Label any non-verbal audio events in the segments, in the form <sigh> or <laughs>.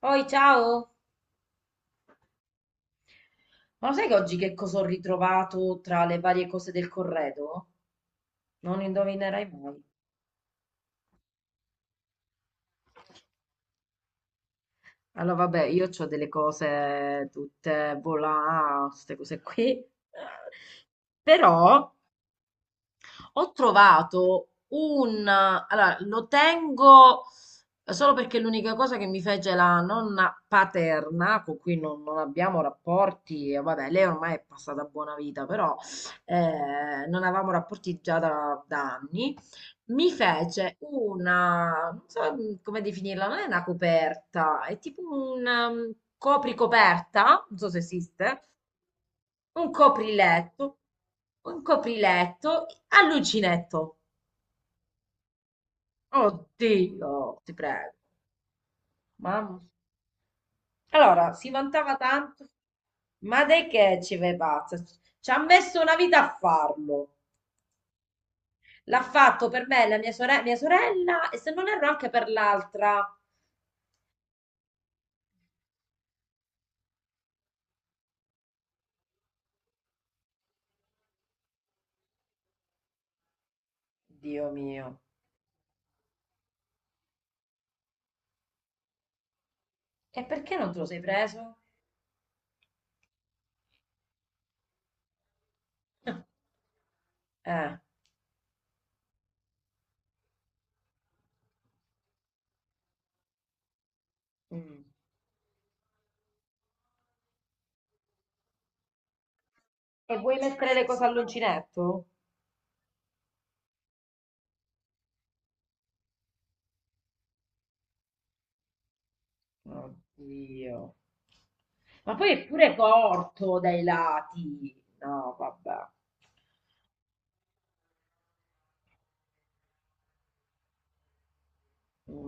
Poi, ciao! Ma lo sai che oggi che cosa ho ritrovato tra le varie cose del corredo? Non indovinerai mai. Allora, vabbè, io ho delle cose tutte volà, queste cose qui. Però ho trovato un... Allora, lo tengo solo perché è l'unica cosa che mi fece la nonna paterna, con cui non abbiamo rapporti. E vabbè, lei ormai è passata a buona vita, però non avevamo rapporti già da anni. Mi fece una, non so, come definirla, non è una coperta, è tipo un, copricoperta, non so se esiste, un copriletto, un copriletto a uncinetto. Oddio, ti prego, mamma. Allora, si vantava tanto, ma dai che ci vai pazza? Ci ha messo una vita a farlo. L'ha fatto per me, e la mia mia sorella, e se non erro anche per l'altra. Dio mio. E perché non te lo sei preso? Eh. Mm. E vuoi mettere le cose all'uncinetto? Oddio. Ma poi è pure corto dai lati. No, vabbè.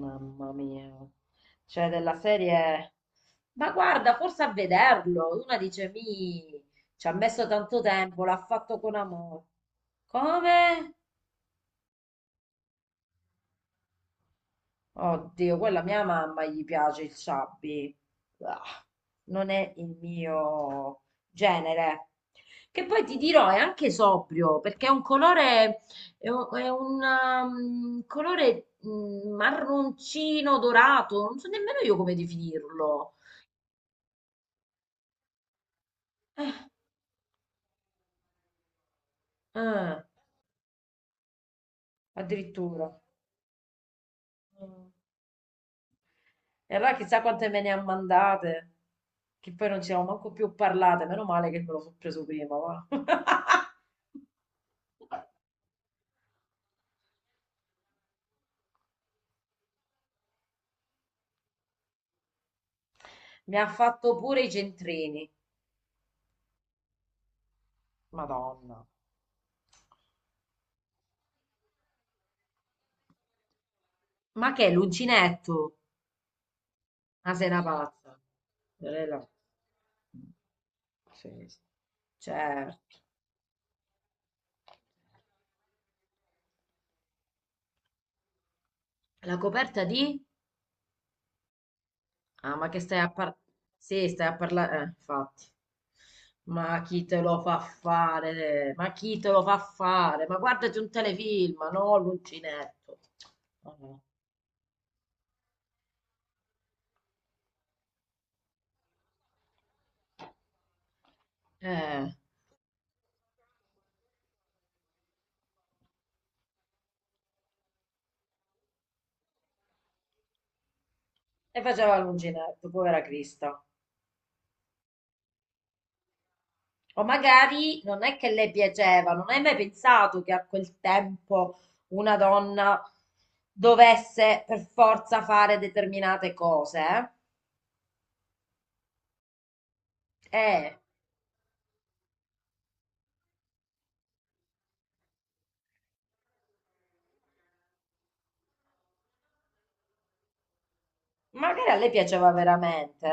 Mamma mia. Cioè, della serie... Ma guarda, forse a vederlo. Una dice, mi... Ci ha messo tanto tempo, l'ha fatto con amore. Come? Oddio, quella a mia mamma gli piace il sabbi. Ah, non è il mio genere. Che poi ti dirò, è anche sobrio, perché è un colore, è un, colore, marroncino dorato, non so nemmeno io come definirlo. Ah, addirittura. Mm. E allora chissà quante me ne ha mandate, che poi non ci siamo manco più parlate, meno male che me lo sono preso prima, va. <laughs> Mi ha fatto pure i centrini. Madonna. Ma che è l'uncinetto? Ma sei una pazza. Lorella. Sì, sì, certo. La coperta di? Ah, ma che stai a parlare? Sì, stai a parlare. Infatti. Ma chi te lo fa fare? Ma chi te lo fa fare? Ma guardati un telefilm, no? L'uncinetto. Ah, no. Eh. E faceva l'uncinetto, povera Crista. O magari non è che le piaceva, non hai mai pensato che a quel tempo una donna dovesse per forza fare determinate cose? Eh, magari a lei piaceva veramente.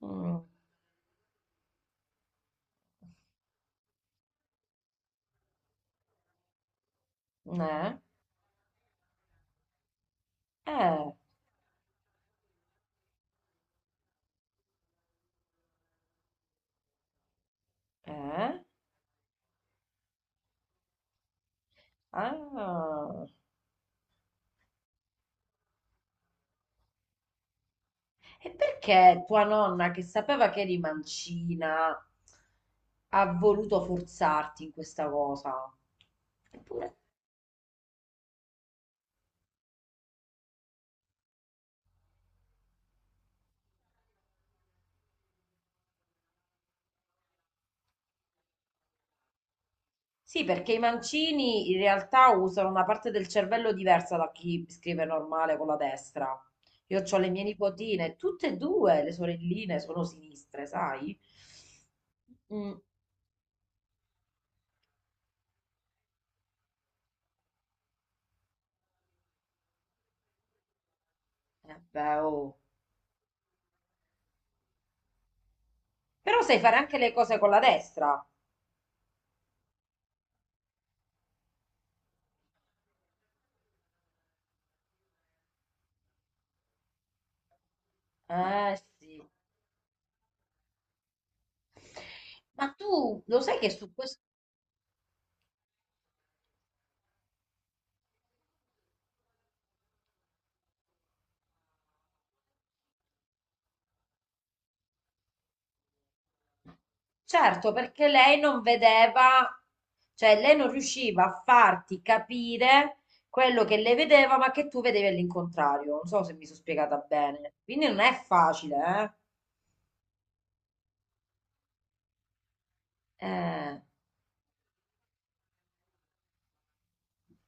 Mm, eh, eh, eh, ah. E perché tua nonna, che sapeva che eri mancina, ha voluto forzarti in questa cosa? Eppure sì, perché i mancini in realtà usano una parte del cervello diversa da chi scrive normale con la destra. Io ho le mie nipotine, tutte e due le sorelline sono sinistre, sai? Mm, eh beh, oh. Però sai fare anche le cose con la destra. Eh sì. Ma tu lo sai che su questo certo, perché lei non vedeva, cioè lei non riusciva a farti capire quello che lei vedeva, ma che tu vedevi all'incontrario. Non so se mi sono spiegata bene. Quindi non è facile, eh?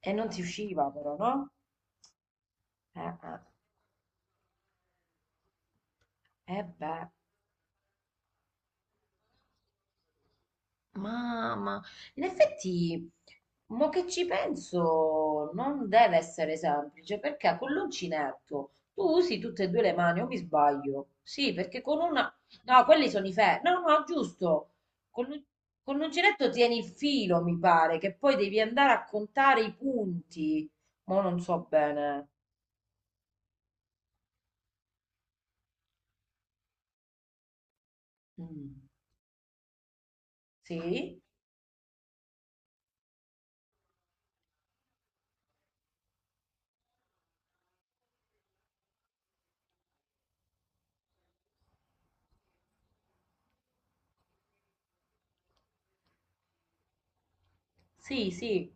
E non ti usciva però, no? Eh, eh beh. Mamma, in effetti, mo che ci penso, non deve essere semplice perché con l'uncinetto tu usi tutte e due le mani, o mi sbaglio? Sì, perché con una... No, quelli sono i ferri. No, no, giusto. Con l'un- con l'uncinetto tieni il filo, mi pare, che poi devi andare a contare i punti. Mo non so bene. Mm. Sì? Sì, sì.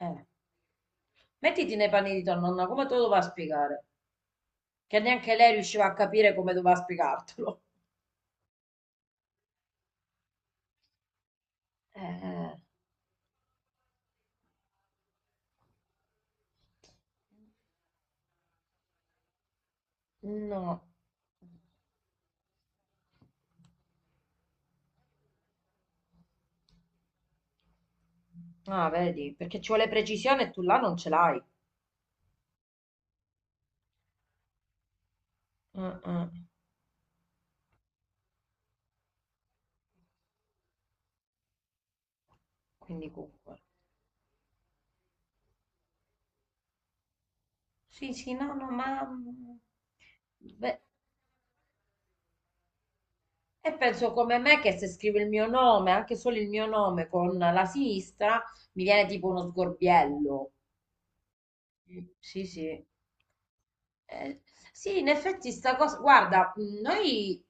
Eh. Mettiti nei panni di tua nonna, come te lo va a spiegare? Che neanche lei riusciva a capire come doveva spiegartelo. Eh, no. Ah, vedi, perché ci vuole precisione e tu là non ce l'hai. Eh. Quindi comunque. Sì, sì, no, no, ma... mm, beh, e penso come me che se scrivo il mio nome, anche solo il mio nome con la sinistra, mi viene tipo uno sgorbiello. Sì, sì. Eh, sì, in effetti sta cosa, guarda, noi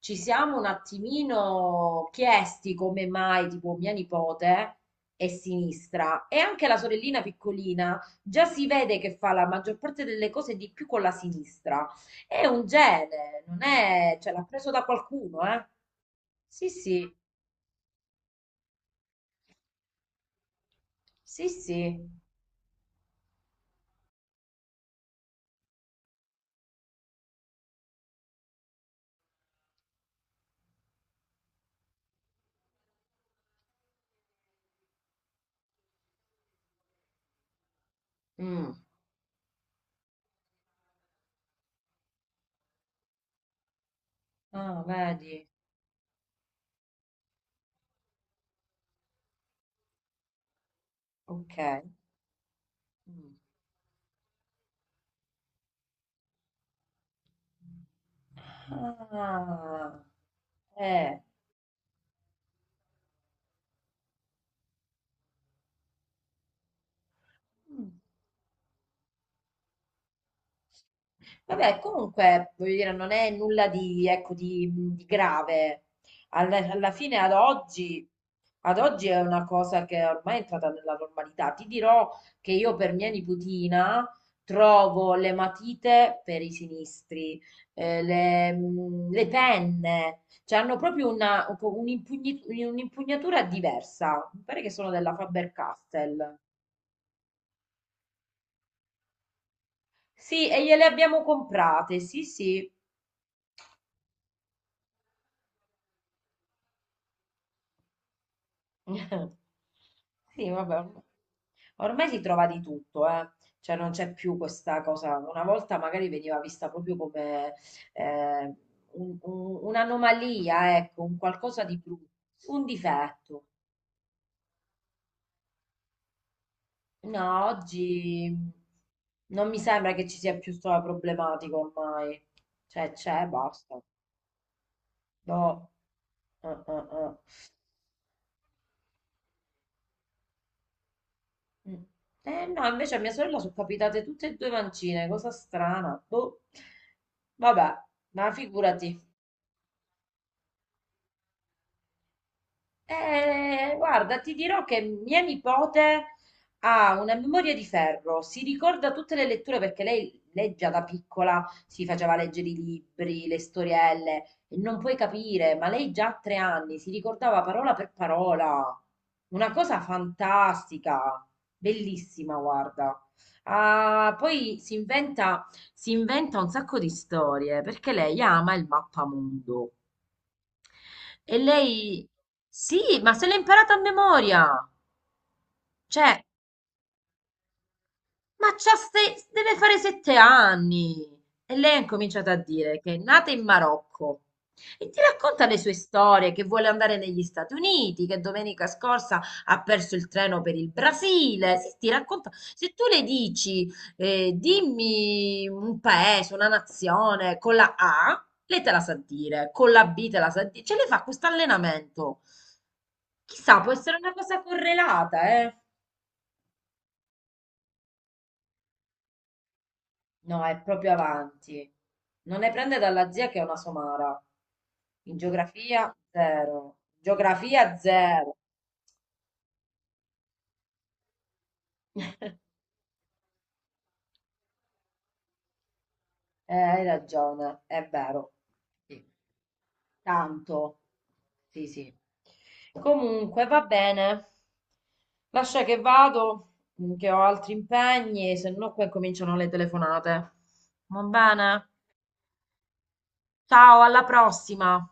ci siamo un attimino chiesti come mai, tipo, mia nipote è sinistra e anche la sorellina piccolina già si vede che fa la maggior parte delle cose di più con la sinistra. È un gene, non è, cioè l'ha preso da qualcuno, eh? Sì, sì, sì, sì. Mm. Ah, vedi, ok. Mm. Ah, eh. Mm. Vabbè, comunque, voglio dire, non è nulla di, ecco, di grave. Alla fine, ad oggi è una cosa che ormai è entrata nella normalità. Ti dirò che io per mia nipotina trovo le matite per i sinistri, le, le penne, cioè hanno proprio una, un'impugnatura diversa. Mi pare che sono della Faber-Castell. Sì, e gliele abbiamo comprate, sì, sì. <laughs> Sì, vabbè. Ormai si trova di tutto, eh. Cioè non c'è più questa cosa. Una volta magari veniva vista proprio come eh, un'anomalia, ecco, un qualcosa di brutto, un difetto. No, oggi non mi sembra che ci sia più questa problematica ormai. Cioè c'è, basta. No. Eh. Mm. Eh no, invece a mia sorella sono capitate tutte e due mancine, cosa strana. Boh. Vabbè, ma figurati. Guarda, ti dirò che mia nipote ha una memoria di ferro, si ricorda tutte le letture perché lei già da piccola si faceva leggere i libri, le storielle, e non puoi capire, ma lei già a 3 anni si ricordava parola per parola. Una cosa fantastica, bellissima, guarda. Ah, poi si inventa un sacco di storie perché lei ama il mappamondo. E lei... Sì, ma se l'è imparata a memoria. Cioè, ma c'ha deve fare 7 anni. E lei ha incominciato a dire che è nata in Marocco. E ti racconta le sue storie, che vuole andare negli Stati Uniti, che domenica scorsa ha perso il treno per il Brasile. Sì, ti racconta. Se tu le dici, dimmi un paese, una nazione con la A, lei te la sa dire, con la B te la sa dire. Ce le fa questo allenamento. Chissà, può essere una cosa correlata, eh? No, è proprio avanti. Non ne prende dalla zia che è una somara. In geografia, zero. Geografia, zero. <laughs> Hai ragione, è vero. Sì. Tanto. Sì, sì. Comunque, va bene. Lascia che vado, mm, che ho altri impegni, se no qua cominciano le telefonate. Va bene? Ciao, alla prossima.